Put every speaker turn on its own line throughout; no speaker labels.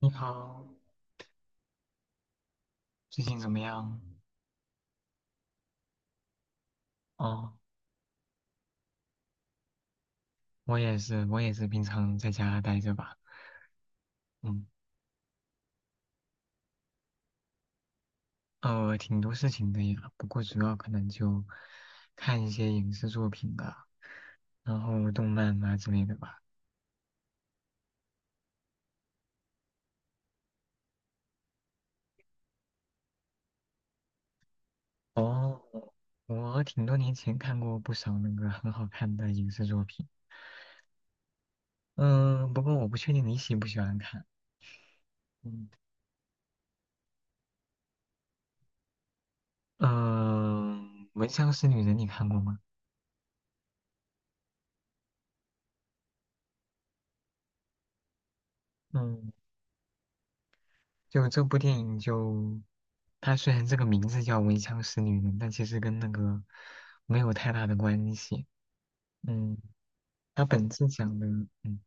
你好，最近怎么样？哦，我也是，平常在家待着吧。嗯，挺多事情的呀，不过主要可能就看一些影视作品吧，然后动漫啊之类的吧。哦，我挺多年前看过不少那个很好看的影视作品，嗯、不过我不确定你喜不喜欢看。嗯，嗯、闻香识女人》你看过吗？嗯，就这部电影就，它虽然这个名字叫《闻香识女人》，但其实跟那个没有太大的关系。嗯，它本质讲的，嗯，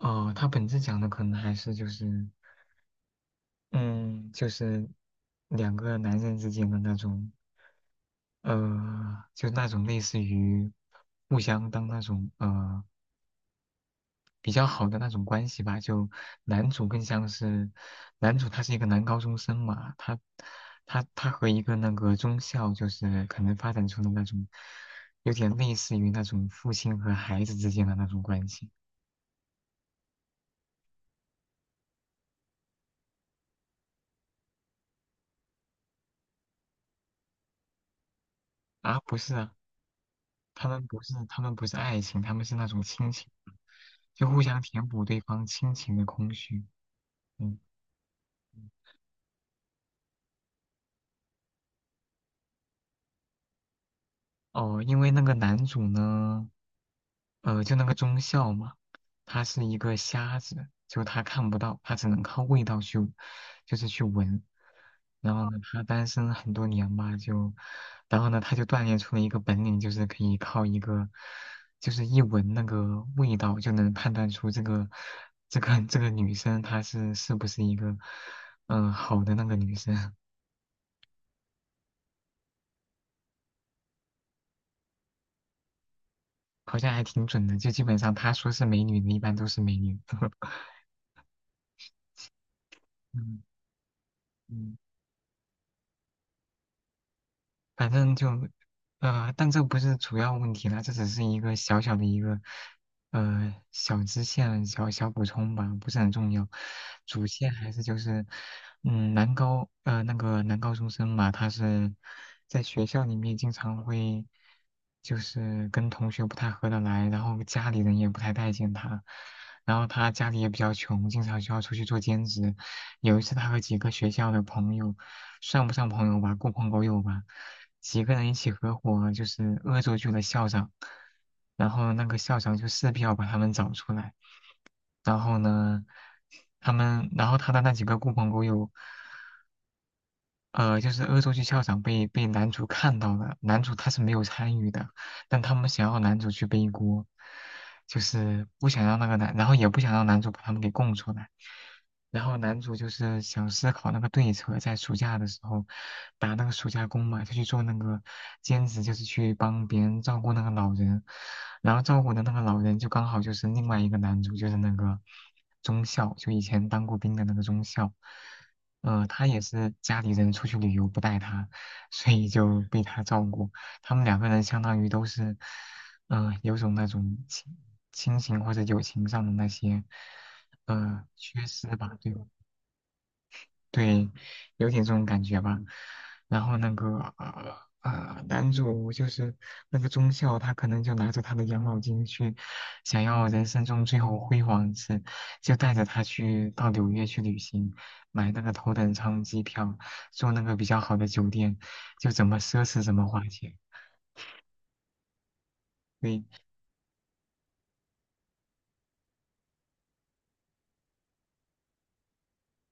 哦，它本质讲的可能还是就是，嗯，就是两个男人之间的那种，就那种类似于互相当那种比较好的那种关系吧，就男主更像是，男主他是一个男高中生嘛，他和一个那个中校就是可能发展出的那种，有点类似于那种父亲和孩子之间的那种关系。啊，不是啊，他们不是爱情，他们是那种亲情，就互相填补对方亲情的空虚，嗯，嗯哦，因为那个男主呢。就那个中校嘛，他是一个瞎子，就他看不到，他只能靠味道去，就是去闻。然后呢，他单身很多年吧，就，然后呢，他就锻炼出了一个本领，就是可以靠一个，就是一闻那个味道就能判断出这个，这个女生她是不是一个，好的那个女生，好像还挺准的，就基本上他说是美女的，一般都是美女。嗯嗯。反正就，但这不是主要问题啦，这只是一个小小的一个，小支线、小小补充吧，不是很重要。主线还是就是，那个男高中生嘛，他是在学校里面经常会，就是跟同学不太合得来，然后家里人也不太待见他，然后他家里也比较穷，经常需要出去做兼职，有一次他和几个学校的朋友，算不上朋友吧，狐朋狗友吧，几个人一起合伙就是恶作剧了校长，然后那个校长就势必要把他们找出来，然后呢，他们，然后他的那几个狐朋狗友就是恶作剧校长被男主看到了，男主他是没有参与的，但他们想要男主去背锅，就是不想让那个男，然后也不想让男主把他们给供出来，然后男主就是想思考那个对策，在暑假的时候打那个暑假工嘛，他去做那个兼职，就是去帮别人照顾那个老人，然后照顾的那个老人就刚好就是另外一个男主，就是那个中校，就以前当过兵的那个中校。他也是家里人出去旅游不带他，所以就被他照顾。他们两个人相当于都是，有种那种亲情或者友情上的那些，缺失吧，对吧？对，有点这种感觉吧。然后那个男主就是那个中校，他可能就拿着他的养老金去，想要人生中最后辉煌一次，就带着他去到纽约去旅行，买那个头等舱机票，住那个比较好的酒店，就怎么奢侈怎么花钱。对，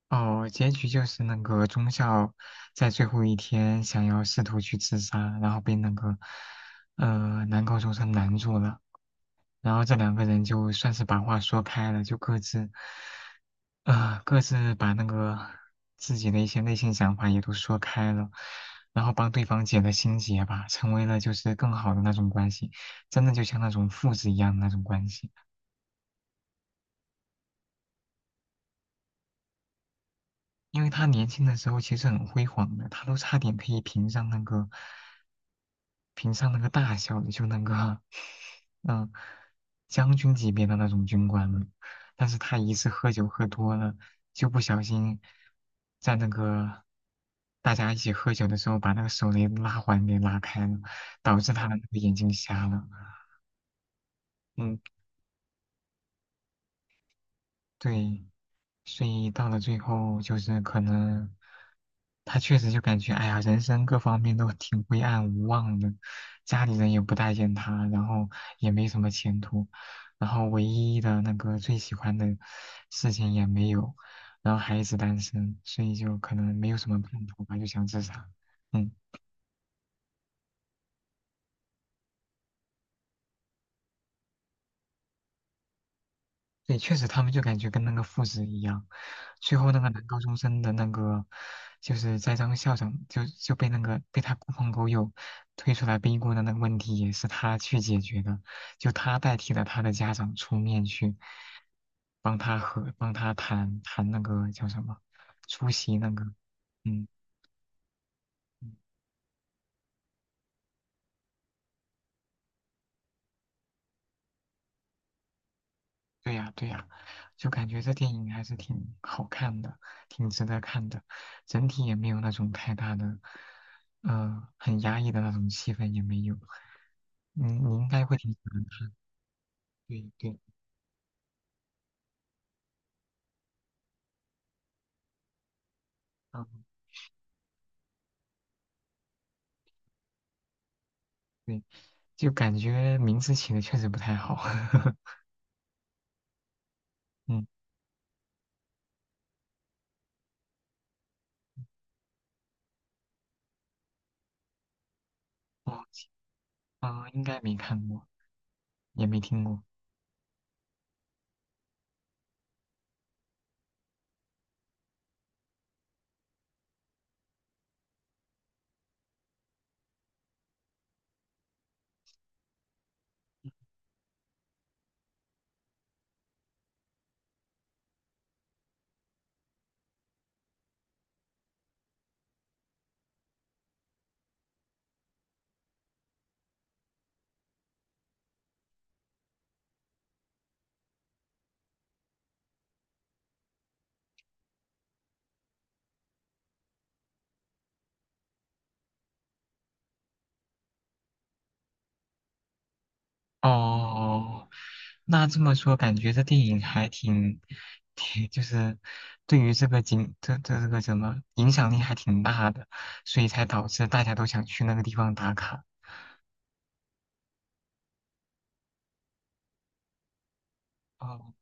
哦，结局就是那个中校在最后一天想要试图去自杀，然后被那个男高中生拦住了。然后这两个人就算是把话说开了，就各自，各自把那个自己的一些内心想法也都说开了，然后帮对方解了心结吧，成为了就是更好的那种关系，真的就像那种父子一样的那种关系。因为他年轻的时候其实很辉煌的，他都差点可以评上那个大小的就那个，嗯，将军级别的那种军官了。但是他一次喝酒喝多了，就不小心在那个大家一起喝酒的时候，把那个手雷拉环给拉开了，导致他的那个眼睛瞎了。嗯，对，所以到了最后，就是可能他确实就感觉，哎呀，人生各方面都挺灰暗无望的，家里人也不待见他，然后也没什么前途，然后唯一的那个最喜欢的事情也没有，然后还一直单身，所以就可能没有什么盼头吧，就想自杀。嗯。对，确实他们就感觉跟那个父子一样。最后那个男高中生的那个，就是栽赃校长就被那个被他狐朋狗友推出来逼锅的那个问题，也是他去解决的，就他代替了他的家长出面去帮他和帮他谈谈那个叫什么出席那个，嗯。对呀，对呀，就感觉这电影还是挺好看的，挺值得看的，整体也没有那种太大的，很压抑的那种气氛也没有。嗯，你应该会挺喜欢的。对对，嗯，对，就感觉名字起的确实不太好。嗯，我啊，应该没看过，也没听过。哦，哦那这么说，感觉这电影还挺就是对于这个景，这个什么影响力还挺大的，所以才导致大家都想去那个地方打卡。哦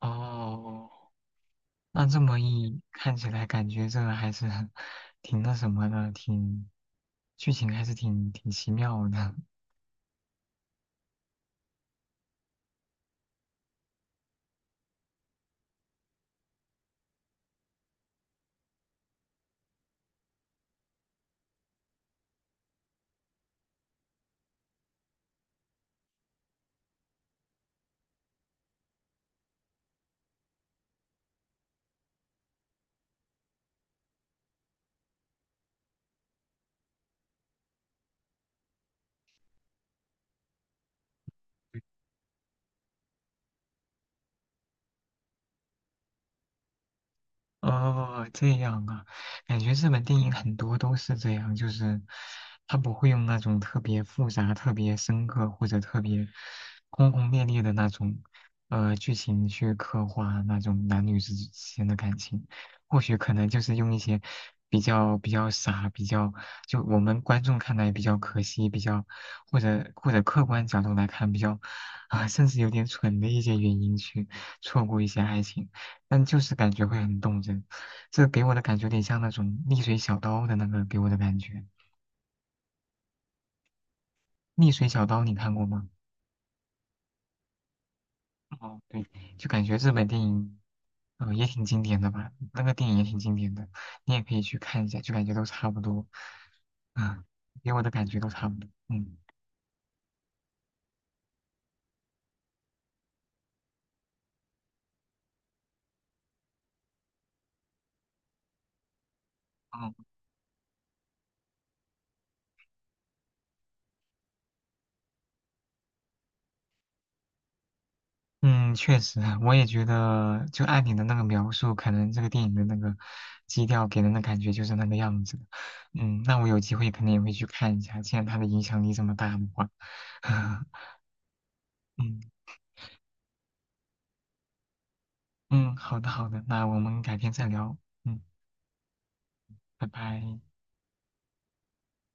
哦，那这么一看起来，感觉这个还是 挺那什么的，挺剧情还是挺奇妙的。哦，这样啊，感觉日本电影很多都是这样，就是他不会用那种特别复杂、特别深刻或者特别轰轰烈烈的那种剧情去刻画那种男女之间的感情，或许可能就是用一些比较傻、比较就我们观众看来比较可惜、比较或者客观角度来看比较啊、甚至有点蠢的一些原因去错过一些爱情。但就是感觉会很动人。这给我的感觉有点像那种逆水小刀的那个给我的感觉。逆水小刀你看过吗？哦，对，就感觉日本电影，也挺经典的吧，那个电影也挺经典的，你也可以去看一下，就感觉都差不多，啊，给我的感觉都差不多，嗯。哦。嗯，确实，我也觉得，就按你的那个描述，可能这个电影的那个基调给人的感觉就是那个样子的。嗯，那我有机会肯定也会去看一下，既然它的影响力这么大的话。嗯嗯，好的好的，那我们改天再聊。嗯，拜拜。